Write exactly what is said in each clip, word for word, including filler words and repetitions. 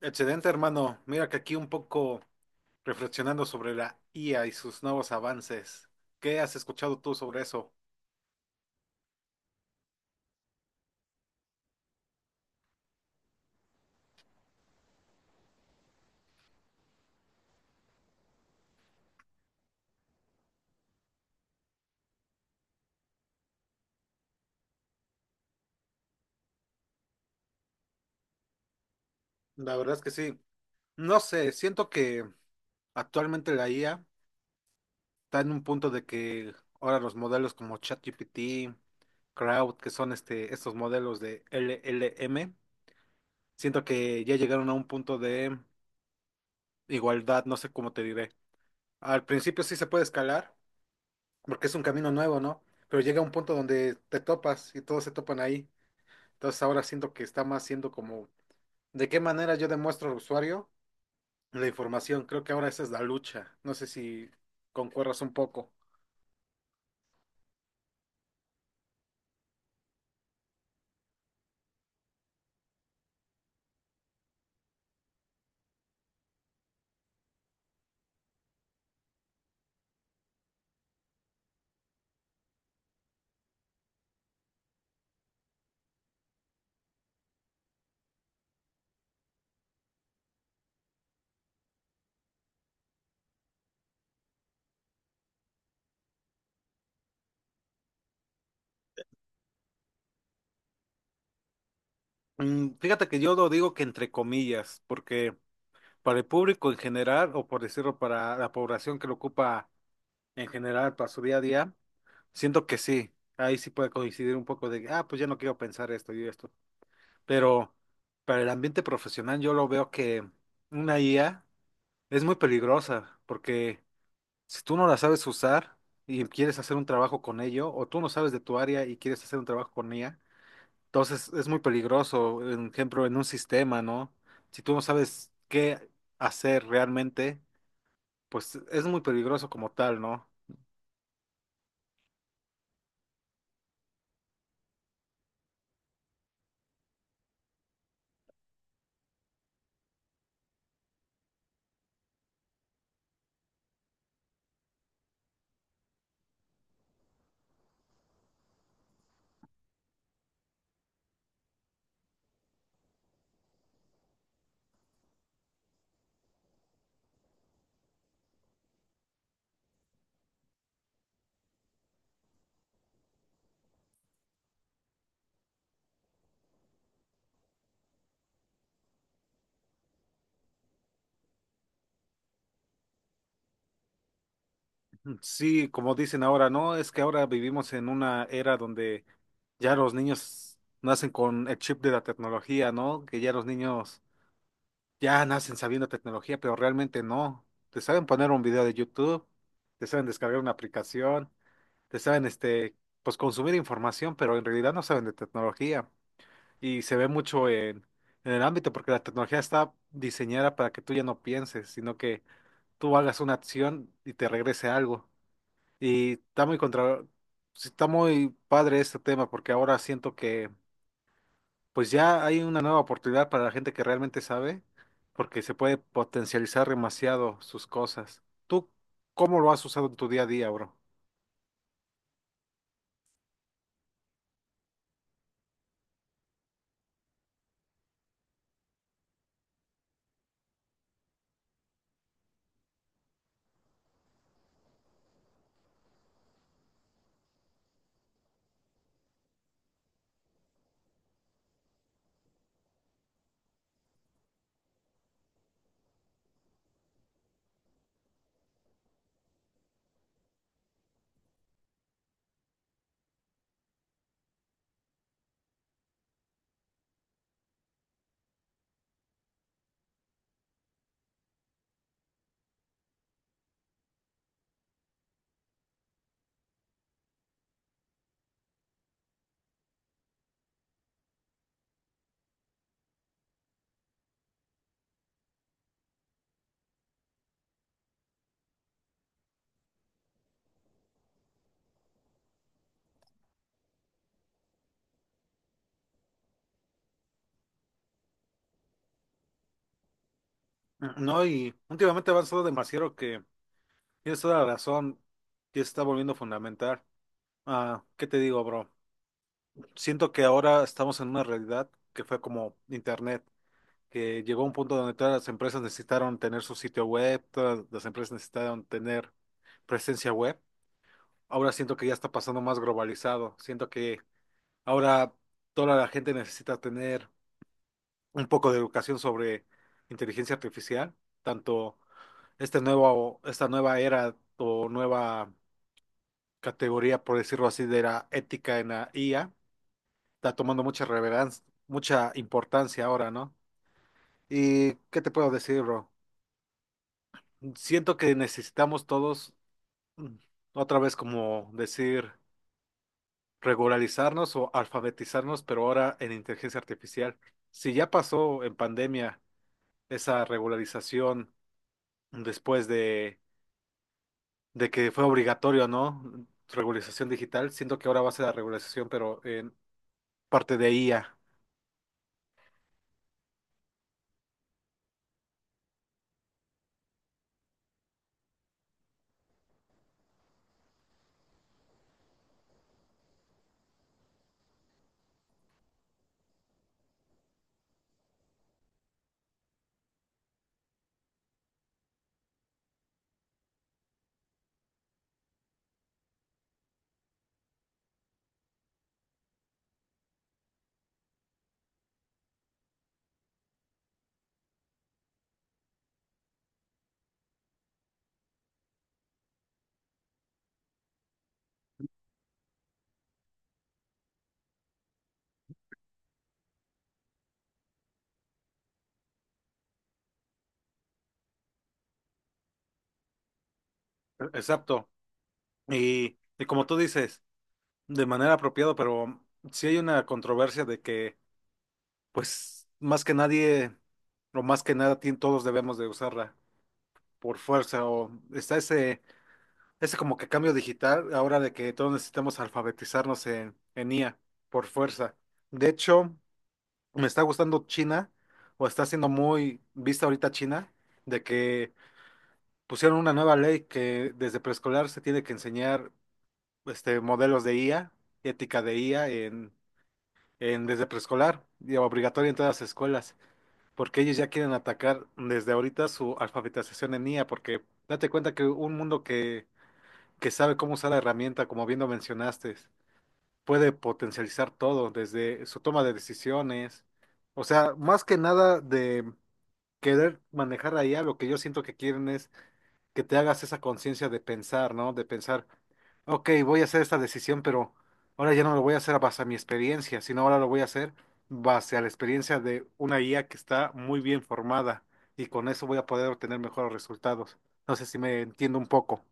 Excelente, hermano. Mira que aquí un poco reflexionando sobre la I A y sus nuevos avances. ¿Qué has escuchado tú sobre eso? La verdad es que sí. No sé, siento que actualmente la I A está en un punto de que ahora los modelos como ChatGPT, Crowd, que son este, estos modelos de L L M, siento que ya llegaron a un punto de igualdad, no sé cómo te diré. Al principio sí se puede escalar, porque es un camino nuevo, ¿no? Pero llega un punto donde te topas y todos se topan ahí. Entonces ahora siento que está más siendo como, ¿de qué manera yo demuestro al usuario la información? Creo que ahora esa es la lucha. No sé si concuerdas un poco. Mm, fíjate que yo lo digo que entre comillas, porque para el público en general, o por decirlo, para la población que lo ocupa en general para su día a día, siento que sí, ahí sí puede coincidir un poco de, ah, pues ya no quiero pensar esto y esto. Pero para el ambiente profesional yo lo veo que una I A es muy peligrosa, porque si tú no la sabes usar y quieres hacer un trabajo con ello, o tú no sabes de tu área y quieres hacer un trabajo con ella, entonces es muy peligroso, por ejemplo, en un sistema, ¿no? Si tú no sabes qué hacer realmente, pues es muy peligroso como tal, ¿no? Sí, como dicen ahora, ¿no? Es que ahora vivimos en una era donde ya los niños nacen con el chip de la tecnología, ¿no? Que ya los niños ya nacen sabiendo tecnología, pero realmente no. Te saben poner un video de YouTube, te saben descargar una aplicación, te saben, este, pues consumir información, pero en realidad no saben de tecnología. Y se ve mucho en, en el ámbito porque la tecnología está diseñada para que tú ya no pienses, sino que tú hagas una acción y te regrese algo. Y está muy contra, sí, está muy padre este tema porque ahora siento que pues ya hay una nueva oportunidad para la gente que realmente sabe, porque se puede potencializar demasiado sus cosas. ¿Tú cómo lo has usado en tu día a día, bro? No, y últimamente ha avanzado demasiado que tienes toda la razón, ya se está volviendo fundamental. Ah, ¿qué te digo, bro? Siento que ahora estamos en una realidad que fue como Internet, que llegó a un punto donde todas las empresas necesitaron tener su sitio web, todas las empresas necesitaron tener presencia web. Ahora siento que ya está pasando más globalizado. Siento que ahora toda la gente necesita tener un poco de educación sobre inteligencia artificial, tanto este nuevo, esta nueva era o nueva categoría, por decirlo así, de la ética en la I A, está tomando mucha relevancia, mucha importancia ahora, ¿no? ¿Y qué te puedo decir, bro? Siento que necesitamos todos, mm, otra vez como decir regularizarnos o alfabetizarnos, pero ahora en inteligencia artificial. Si ya pasó en pandemia esa regularización después de, de que fue obligatorio, ¿no? Regularización digital, siento que ahora va a ser la regularización, pero en parte de I A. Exacto. Y, y como tú dices, de manera apropiada, pero sí hay una controversia de que, pues, más que nadie, o más que nada, ti- todos debemos de usarla por fuerza, o está ese ese como que cambio digital, ahora de que todos necesitamos alfabetizarnos en, en I A, por fuerza. De hecho, me está gustando China, o está siendo muy vista ahorita China, de que pusieron una nueva ley que desde preescolar se tiene que enseñar este, modelos de I A, ética de I A en, en desde preescolar, y obligatoria en todas las escuelas, porque ellos ya quieren atacar desde ahorita su alfabetización en I A, porque date cuenta que un mundo que que sabe cómo usar la herramienta, como bien lo mencionaste, puede potencializar todo, desde su toma de decisiones, o sea, más que nada de querer manejar la I A, lo que yo siento que quieren es que te hagas esa conciencia de pensar, ¿no? De pensar, ok, voy a hacer esta decisión, pero ahora ya no lo voy a hacer a base a mi experiencia, sino ahora lo voy a hacer base a la experiencia de una I A que está muy bien formada y con eso voy a poder obtener mejores resultados. No sé si me entiendo un poco.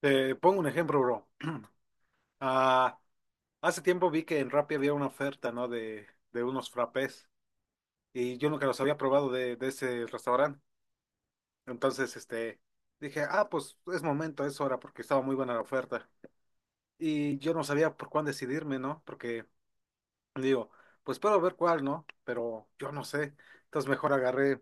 Te pongo un ejemplo, bro. Ah, hace tiempo vi que en Rappi había una oferta, ¿no? De, de unos frappés y yo nunca los había probado de, de ese restaurante. Entonces, este, dije, ah, pues es momento, es hora, porque estaba muy buena la oferta. Y yo no sabía por cuál decidirme, ¿no? Porque digo, pues puedo ver cuál, ¿no? Pero yo no sé. Entonces mejor agarré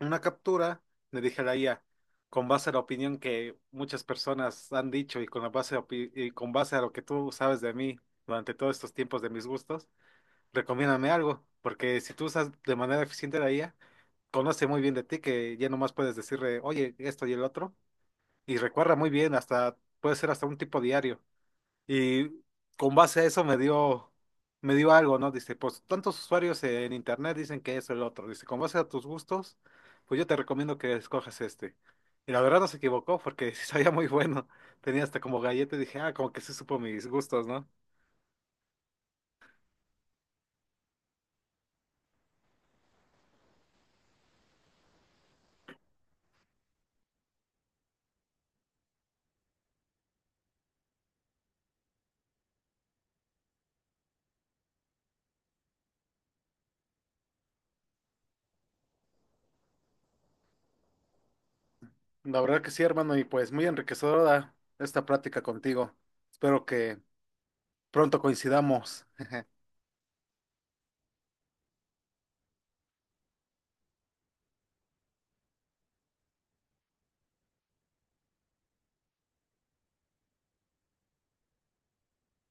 una captura, le dije a la I A, con base a la opinión que muchas personas han dicho y con la base a opi- y con base a lo que tú sabes de mí durante todos estos tiempos de mis gustos. Recomiéndame algo, porque si tú usas de manera eficiente la I A, conoce muy bien de ti que ya nomás puedes decirle, oye, esto y el otro, y recuerda muy bien, hasta puede ser hasta un tipo diario. Y con base a eso me dio, me dio algo, ¿no? Dice, pues tantos usuarios en internet dicen que eso el otro. Dice, con base a tus gustos, pues yo te recomiendo que escojas este. Y la verdad no se equivocó porque sí sabía muy bueno. Tenía hasta como galleta y dije, ah, como que sí supo mis gustos, ¿no? La verdad que sí, hermano, y pues muy enriquecedora esta plática contigo. Espero que pronto coincidamos.